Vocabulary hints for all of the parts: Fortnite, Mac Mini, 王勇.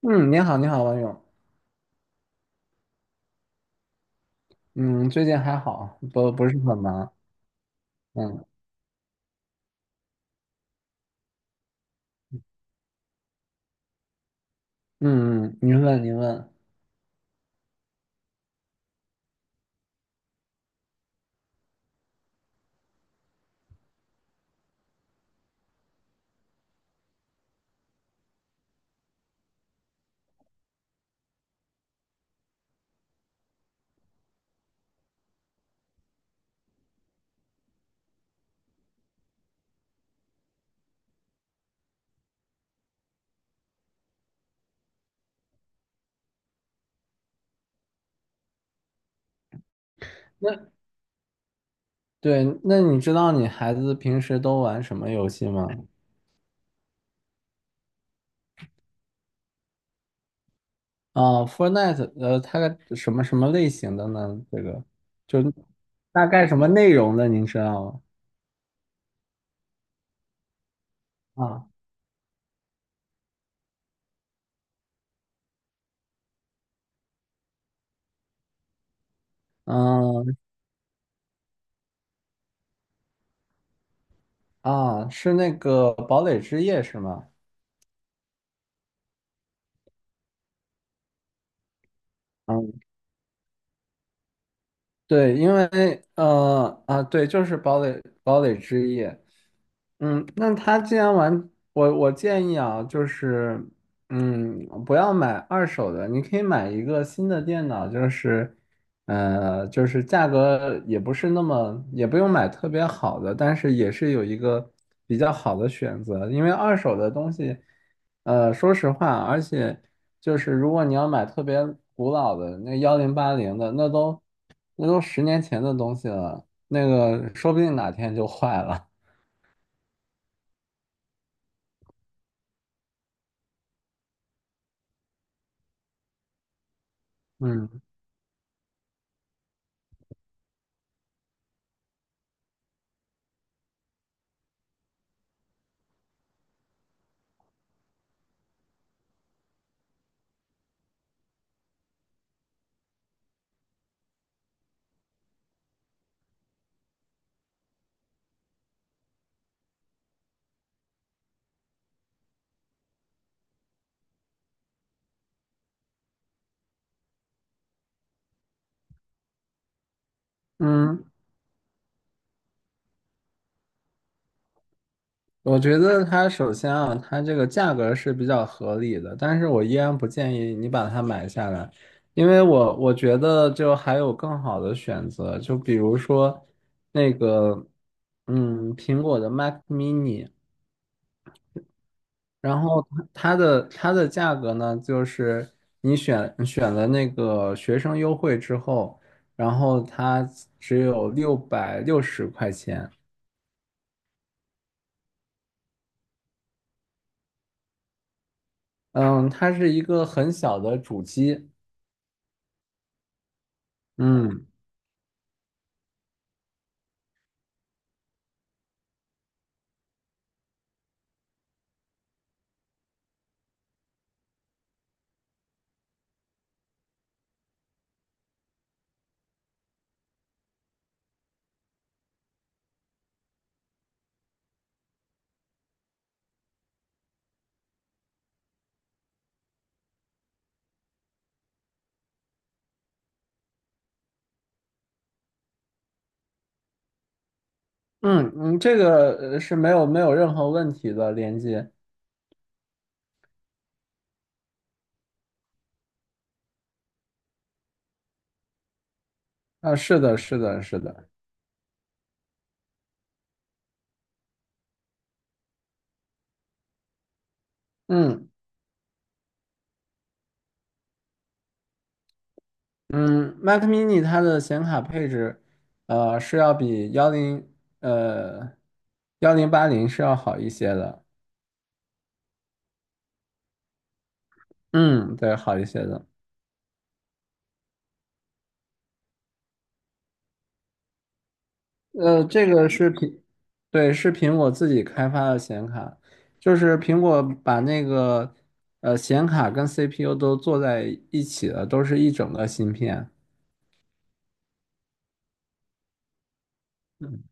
嗯，你好，你好，王勇。嗯，最近还好，不是很忙。嗯嗯，您问您问。那对，那你知道你孩子平时都玩什么游戏吗？啊，Fortnite，它什么类型的呢？这个就大概什么内容的，您知道吗？嗯是那个堡垒之夜是吗？嗯。对，因为对，就是堡垒之夜。嗯，那他既然玩，我建议啊，就是嗯，不要买二手的，你可以买一个新的电脑，就是就是价格也不是那么，也不用买特别好的，但是也是有一个比较好的选择，因为二手的东西，说实话，而且。就是如果你要买特别古老的那幺零八零的，那都10年前的东西了，那个说不定哪天就坏了。嗯嗯，我觉得它首先啊，它这个价格是比较合理的，但是我依然不建议你把它买下来，因为我觉得就还有更好的选择，就比如说那个嗯苹果的 Mac Mini。然后它的价格呢，就是你选了那个学生优惠之后，然后它只有660块钱。嗯，它是一个很小的主机。嗯嗯，这个是没有任何问题的连接。啊，是的，是的，是的。嗯嗯，Mac mini 它的显卡配置，是要比呃幺零八零是要好一些的。嗯，对，好一些的。这个是苹，对，是苹果自己开发的显卡，就是苹果把那个显卡跟 CPU 都做在一起了，都是一整个芯片。嗯，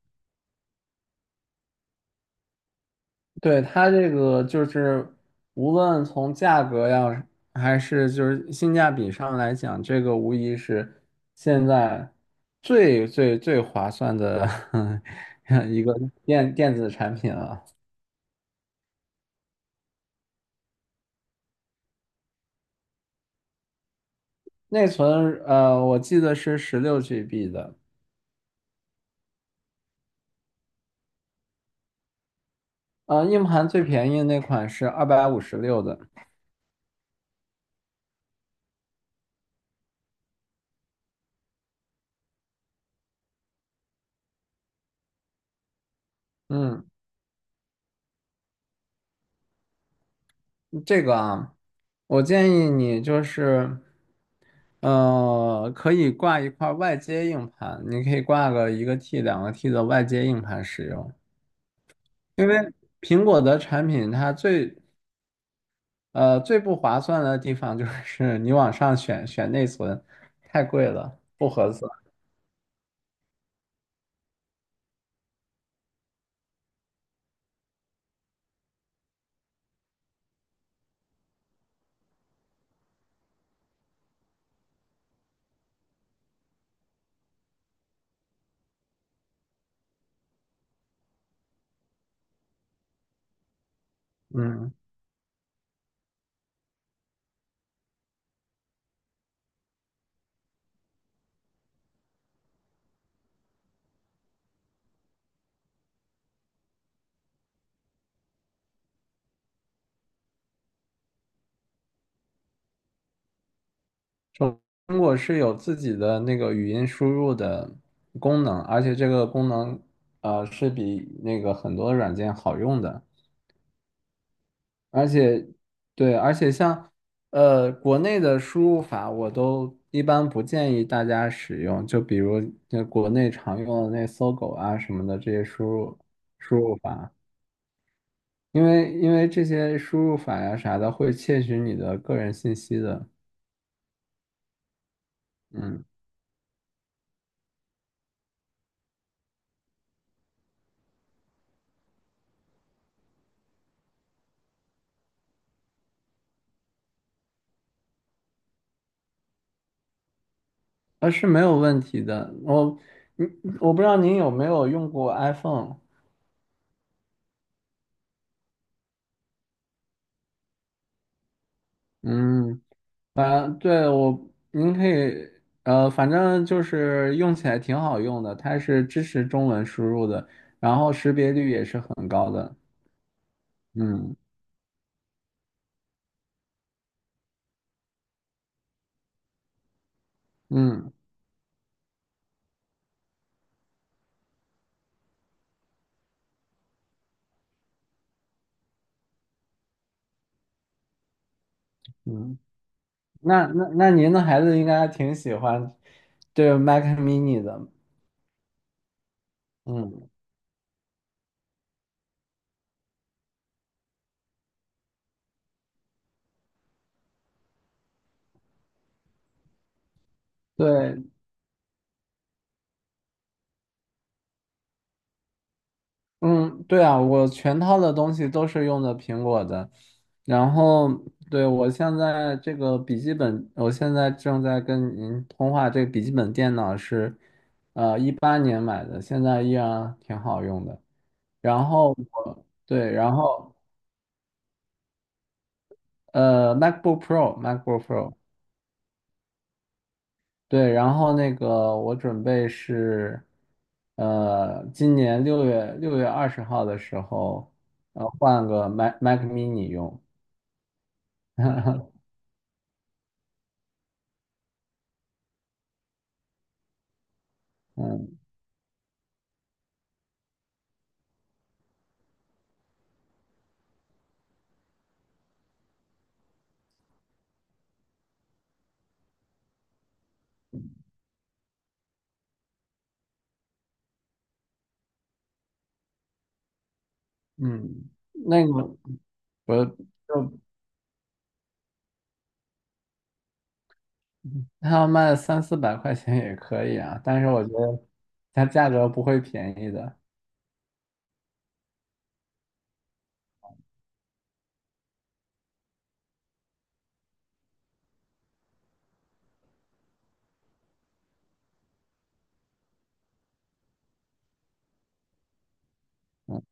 对，它这个就是无论从价格呀，还是就是性价比上来讲，这个无疑是现在最划算的 一个电子产品了。内存我记得是16 GB 的，硬盘最便宜那款是256的。嗯，这个啊，我建议你就是，可以挂一块外接硬盘，你可以挂个1 T、2 T 的外接硬盘使用。苹果的产品它最不划算的地方就是你往上选内存，太贵了，不合算。嗯中中国是有自己的那个语音输入的功能，而且这个功能是比那个很多软件好用的，而且对，而且像国内的输入法我都一般不建议大家使用，就比如那国内常用的那搜狗啊什么的这些输入法，因为这些输入法呀啥的会窃取你的个人信息的，嗯。啊，是没有问题的。我，嗯，我不知道您有没有用过 iPhone。嗯，反对我，您可以，反正就是用起来挺好用的，它是支持中文输入的，然后识别率也是很高的。嗯嗯嗯，那您的孩子应该挺喜欢这个 Mac mini 的。嗯，对，嗯，对啊，我全套的东西都是用的苹果的，然后对我现在这个笔记本，我现在正在跟您通话，这个笔记本电脑是，18年买的，现在依然挺好用的。然后我对，然后MacBook Pro，MacBook Pro，对，然后那个我准备是，今年六月二十号的时候，换个 Mac Mini 用。嗯嗯，那个我就他要卖3、400块钱也可以啊，但是我觉得它价格不会便宜的。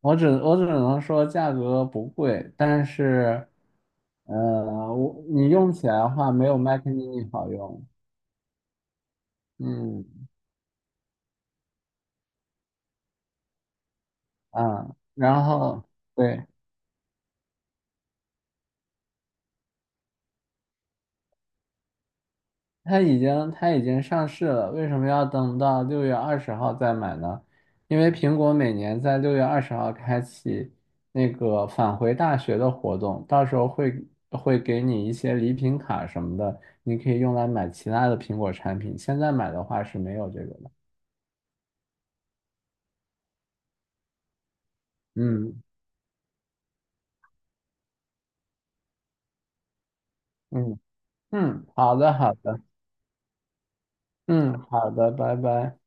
我只能说价格不贵，但是，你用起来的话没有 Mac mini 好用。嗯啊，然后对。它已经上市了，为什么要等到六月二十号再买呢？因为苹果每年在六月二十号开启那个返回大学的活动，到时候会给你一些礼品卡什么的，你可以用来买其他的苹果产品。现在买的话是没有这个的。嗯嗯好的好的，嗯好的，拜拜。